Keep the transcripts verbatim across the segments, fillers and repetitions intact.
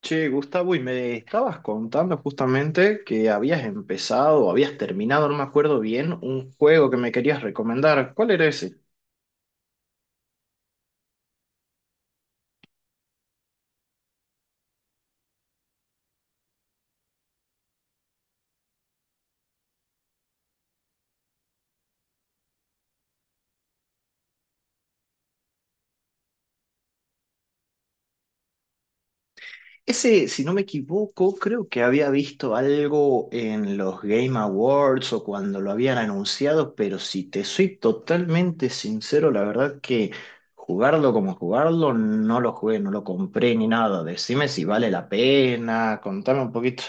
Che, Gustavo, y me estabas contando justamente que habías empezado o habías terminado, no me acuerdo bien, un juego que me querías recomendar. ¿Cuál era ese? Ese, si no me equivoco, creo que había visto algo en los Game Awards o cuando lo habían anunciado, pero si te soy totalmente sincero, la verdad que jugarlo como jugarlo, no lo jugué, no lo compré ni nada. Decime si vale la pena, contame un poquito.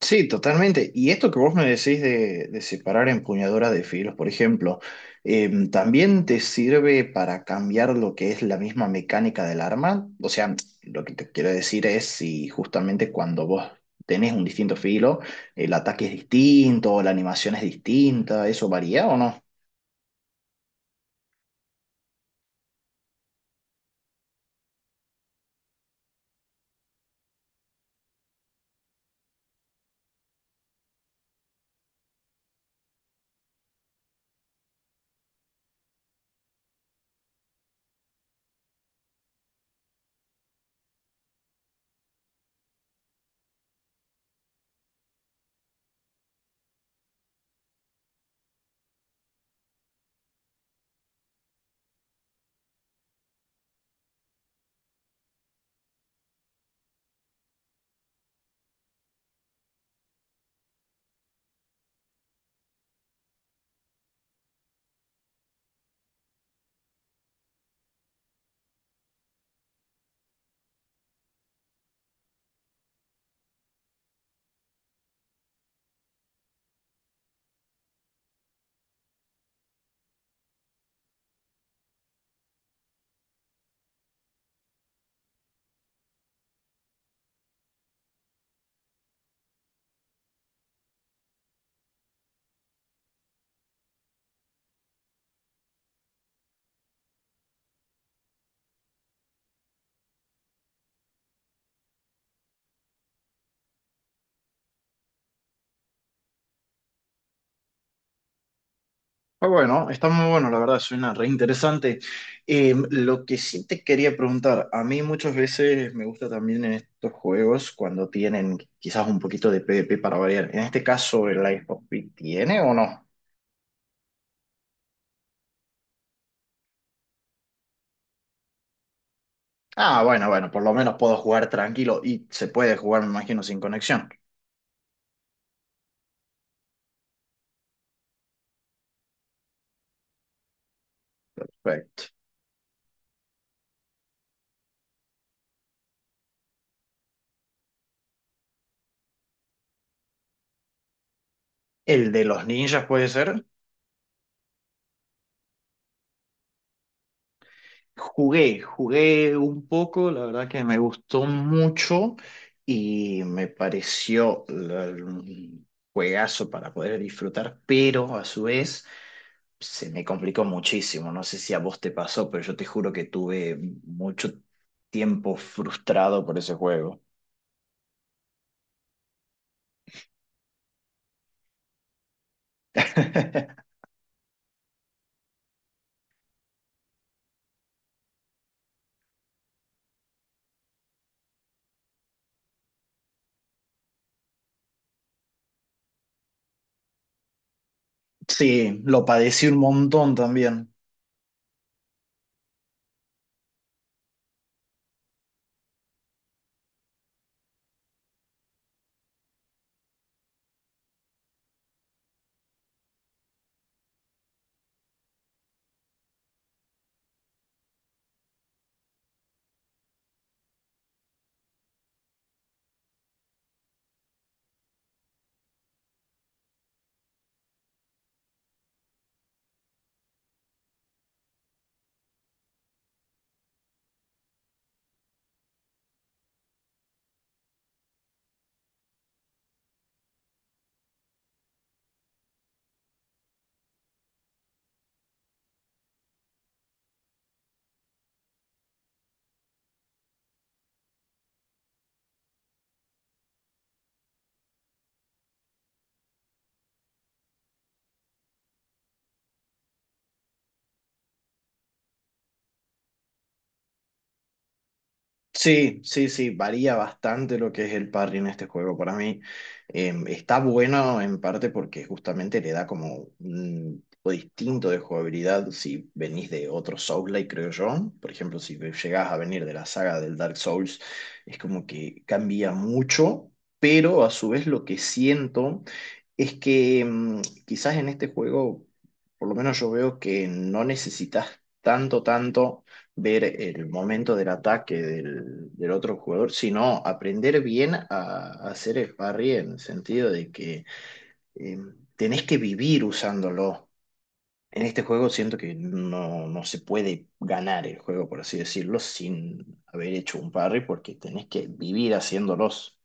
Sí, totalmente. Y esto que vos me decís de, de separar empuñadura de filos, por ejemplo, em, ¿también te sirve para cambiar lo que es la misma mecánica del arma? O sea, lo que te quiero decir es si justamente cuando vos tenés un distinto filo, el ataque es distinto, la animación es distinta, ¿eso varía o no? Ah, bueno, está muy bueno, la verdad, suena re interesante. Eh, lo que sí te quería preguntar, a mí muchas veces me gusta también en estos juegos cuando tienen quizás un poquito de PvP para variar. En este caso, ¿el Life of Pi tiene o no? Ah, bueno, bueno, por lo menos puedo jugar tranquilo y se puede jugar, me imagino, sin conexión. Perfecto. ¿El de los ninjas puede ser? Jugué, jugué un poco, la verdad que me gustó mucho y me pareció la- un juegazo para poder disfrutar, pero a su vez se me complicó muchísimo. No sé si a vos te pasó, pero yo te juro que tuve mucho tiempo frustrado por ese juego. Sí, lo padecí un montón también. Sí, sí, sí, varía bastante lo que es el parry en este juego. Para mí eh, está bueno en parte porque justamente le da como un tipo distinto de jugabilidad si venís de otro Souls-like, creo yo. Por ejemplo, si llegás a venir de la saga del Dark Souls, es como que cambia mucho, pero a su vez lo que siento es que mm, quizás en este juego, por lo menos yo veo que no necesitas tanto, tanto ver el momento del ataque del, del otro jugador, sino aprender bien a, a hacer el parry en el sentido de que eh, tenés que vivir usándolo. En este juego siento que no, no se puede ganar el juego, por así decirlo, sin haber hecho un parry, porque tenés que vivir haciéndolos.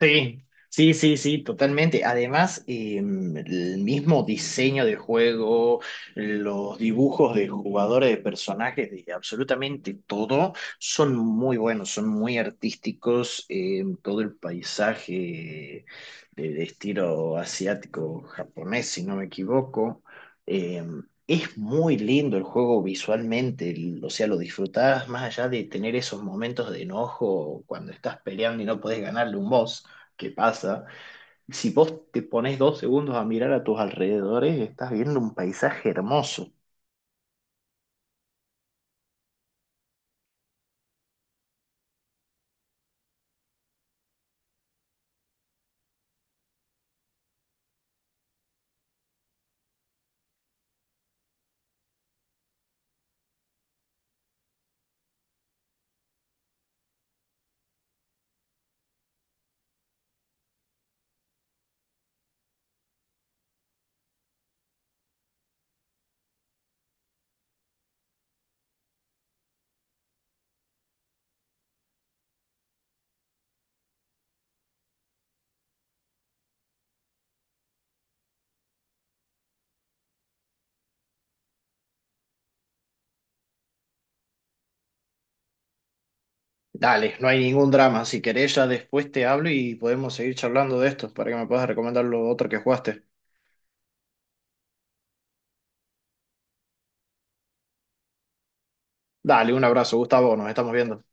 Sí, sí, sí, sí, totalmente. Además, em, el mismo diseño de juego, los dibujos de jugadores, de personajes, de absolutamente todo, son muy buenos, son muy artísticos. Em, todo el paisaje de, de estilo asiático, japonés, si no me equivoco. Em, es muy lindo el juego visualmente, el- o sea, lo disfrutás más allá de tener esos momentos de enojo cuando estás peleando y no podés ganarle un boss qué pasa. Si vos te pones dos segundos a mirar a tus alrededores, estás viendo un paisaje hermoso. Dale, no hay ningún drama. Si querés, ya después te hablo y podemos seguir charlando de esto para que me puedas recomendar lo otro que jugaste. Dale, un abrazo, Gustavo. Nos estamos viendo.